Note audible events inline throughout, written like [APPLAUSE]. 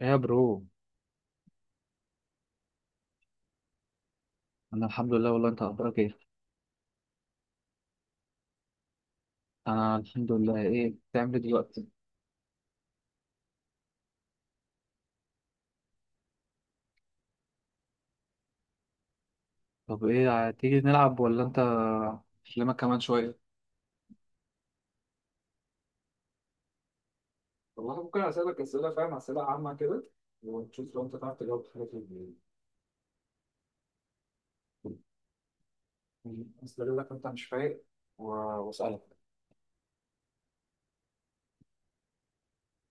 ايه يا برو. انا الحمد لله، والله انت اخبارك ايه؟ انا الحمد لله. ايه بتعمل إيه دلوقتي؟ طب ايه، تيجي نلعب ولا انت اكلمك كمان شويه؟ والله ممكن أسألك أسئلة، فاهم، أسئلة عامة كده، ونشوف لو أنت تعرف تجاوب حاجة في أستغلك أنت مش فايق وأسألك.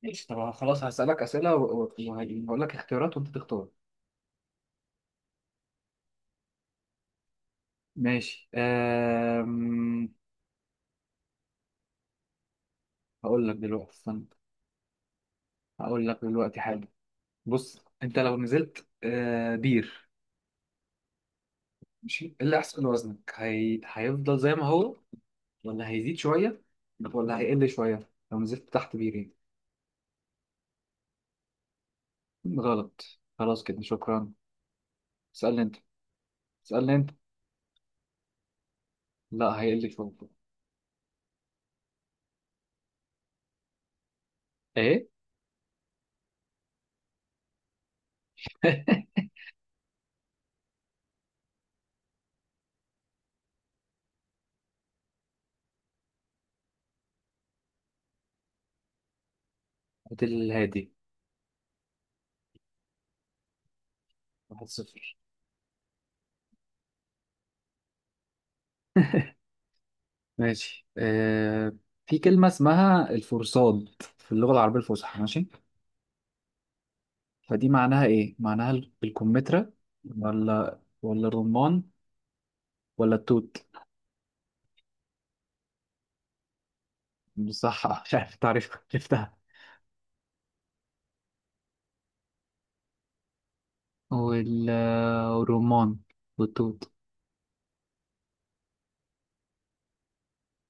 ماشي، طب خلاص هسألك اسئله وهقول لك اختيارات وانت تختار. ماشي. هقول لك دلوقتي، استنى، هقول لك دلوقتي حاجه. بص انت لو نزلت، بير، ماشي، ايه اللي هيحصل لوزنك؟ هيفضل زي ما هو، ولا هيزيد شوية، ولا هيقل شوية لو نزلت تحت بيرين؟ غلط، خلاص كده، شكرا. اسألني انت. اسألني انت. لا، هيقل شوية. ايه. [LAUGHS] هات الهادي. واحد صفر. [LAUGHS] ماشي. في كلمة اسمها الفرصاد في اللغة العربية الفصحى، ماشي؟ فدي معناها ايه؟ معناها الكمثرى، ولا الرمان، ولا التوت؟ بصح، [LAUGHS] مش عارف تعرف [LAUGHS] عرفتها. وال- والرمان والتوت.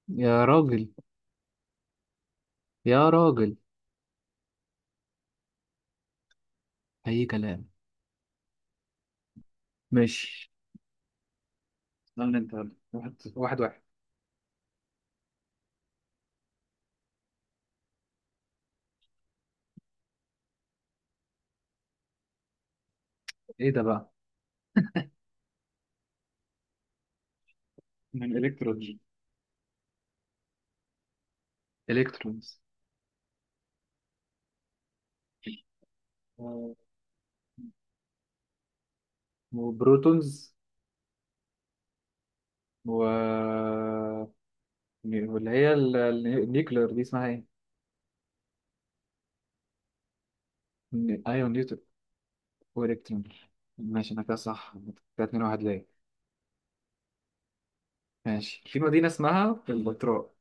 يا راجل، يا راجل، أي كلام. ماشي، استنى أنت، يلا. واحد، واحد، واحد. إيه ده بقى؟ من الكترونز. إلكترونز. آه، وبروتونز. و، واللي هي النيوكلير دي اسمها ايه؟ ايون، نيوتن. والكترون. ماشي، انا كده صح. كده اتنين واحد ليا. ماشي، في مدينة اسمها البتراء.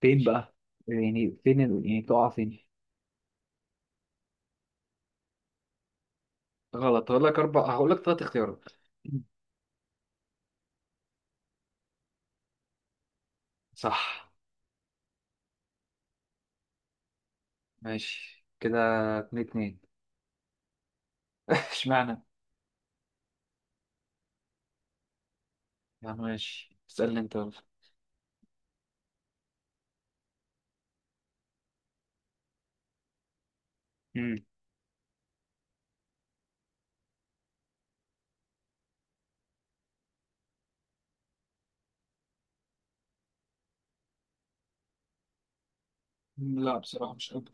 فين بقى؟ يعني فين يعني تقع فين؟ غلط. هقول لك أربع، هقول لك ثلاث اختيارات. صح. ماشي، كده اتنين اتنين. [LAUGHS] اشمعنى؟ يا عم ماشي، اسألني أنت يلا. امم لا، بصراحة مش قادر.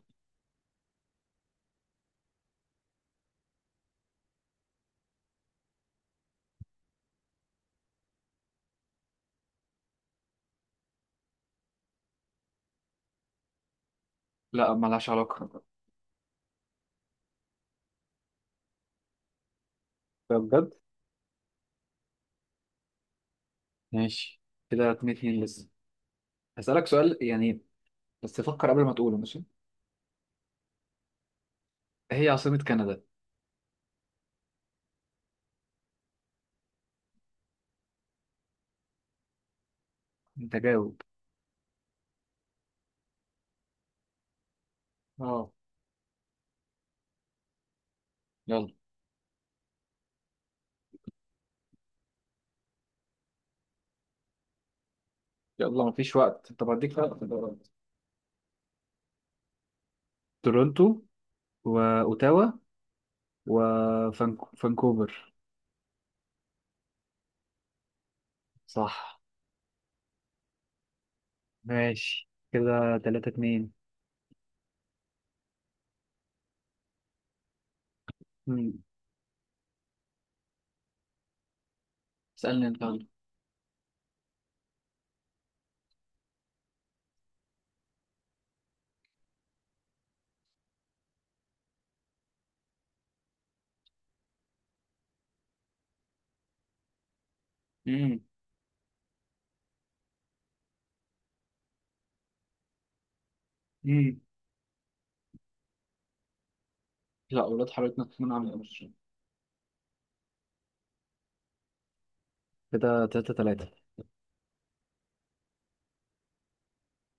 لا ملهاش علاقة ده. بجد. ماشي، كده اتنين اتنين لسه. هسألك سؤال، يعني بس فكر قبل ما تقوله، ماشي؟ هي عاصمة كندا. أنت جاوب. اه. يلا. يلا مفيش وقت، طب هديك ثلاث اختيارات. تورونتو، وأوتاوا، وفانكوفر. صح. ماشي، كده تلاتة اتنين. مم. اسألني انت يلا. امم امم لا، اولاد حضرتك من عامل ايه. كده تلاتة تلاتة،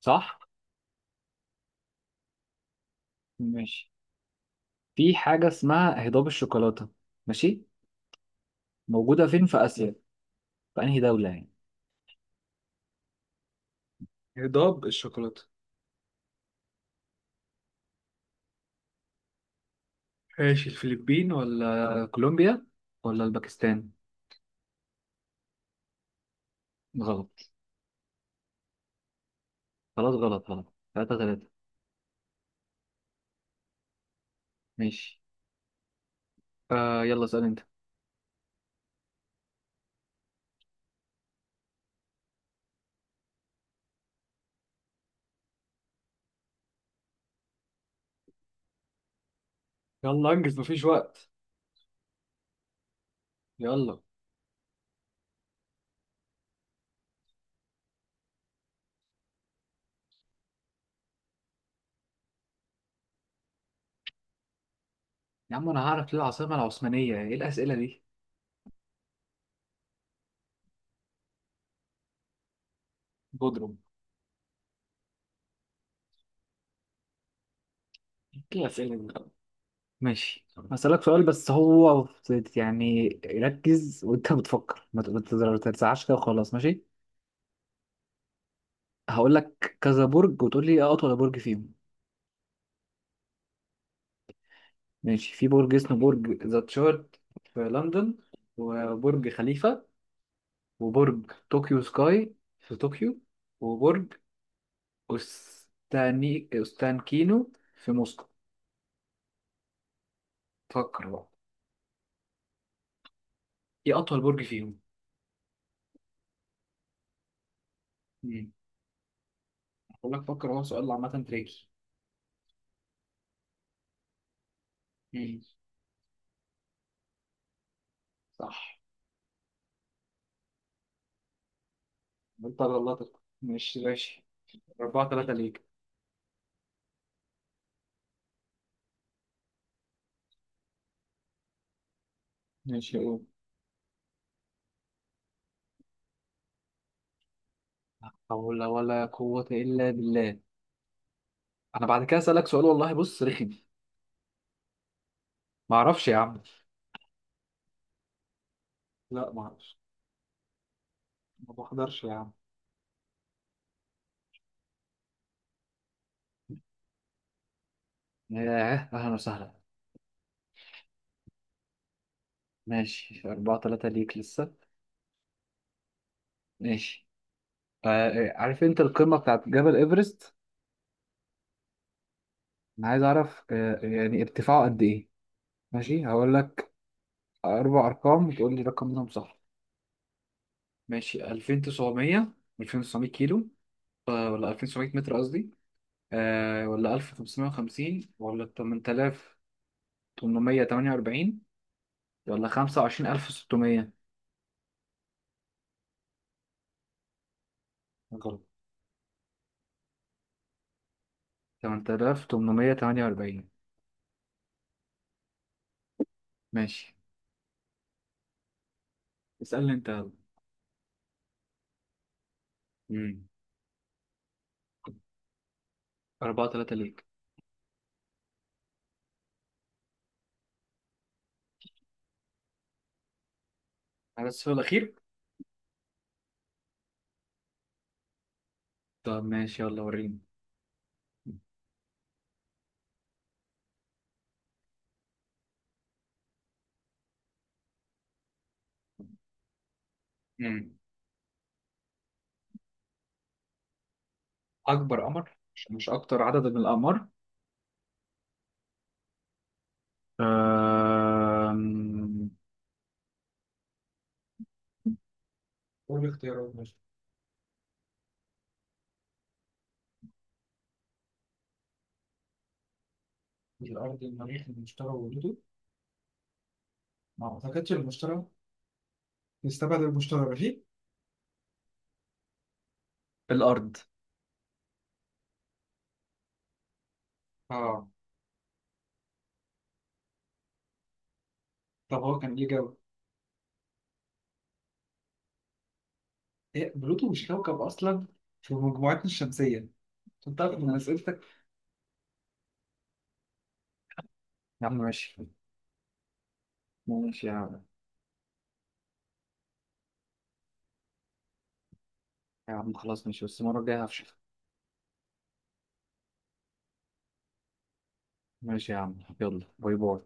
صح؟ ماشي. في حاجة اسمها هضاب الشوكولاتة، ماشي؟ موجودة فين في آسيا؟ في أنهي دولة يعني؟ هضاب الشوكولاتة. ماشي، الفلبين ولا كولومبيا ولا الباكستان؟ غلط. خلاص غلط، غلط، تلاتة تلاتة. ماشي. آه، يلا اسأل انت. يلا انجز، مفيش وقت. يلا. يا عم أنا هعرف ليه العاصمة العثمانية؟ إيه الأسئلة دي؟ بودروم. ايه الأسئلة دي؟ ماشي. هسألك سؤال بس، هو يعني ركز وانت [LAUGHS] بتفكر، ما ت- ما تزر- ما تزعلش كده وخلاص، ماشي؟ هقول لك كذا برج وتقول لي ايه اطول برج فيهم. ماشي، في برج اسمه برج ذا تشارت في لندن، وبرج خليفة، وبرج طوكيو سكاي في طوكيو، وبرج أستانكينو في موسكو. فكر بقى، ايه اطول برج فيهم؟ مم. هقول لك، فكر، هو سؤال عامة تريكي. مم. صح. انت غلطت، مش ماشي. أربعة تلاتة ليك. ماشي، قول. حول ولا قوة إلا بالله. أنا بعد كده أسألك سؤال والله، بص رخم. ما أعرفش يا عم. لا، ما أعرفش. ما بحضرش يا عم. ياه، أهلا وسهلا. ماشي، أربعة تلاتة ليك لسه. ماشي. آه، عارف أنت القمة بتاعت جبل إيفرست؟ أنا عايز أعرف، آه يعني ارتفاعه قد إيه. ماشي، هقول لك أربع أرقام وتقول لي رقم منهم صح. ماشي، 2900. 2900 كيلو، آه ولا 2900 متر قصدي. آه ولا 1550، ولا 8848، ولا 25600؟ غلط. 8848. ماشي، اسألني انت يلا. امم 4 3 ليك على السؤال الأخير. طب ماشي، يلا وريني. امم أكبر قمر، مش مش أكتر عدد من الأقمار. آم، قول لي اختيارات، ماشي. الأرض، المريخ، المشتري، وجوده. ما أعتقدش المشتري، نستبعد المشتري، ماشي؟ الأرض. آه. طب هو كان ليه جو؟ إيه، بلوتو مش كوكب أصلا في مجموعتنا الشمسية. أنت تعرف من أسئلتك؟ يا عم ماشي. ماشي يا عم. يا عم خلاص ماشي، بس المرة الجاية هفشخ. ماشي يا عم، يلا، باي باي.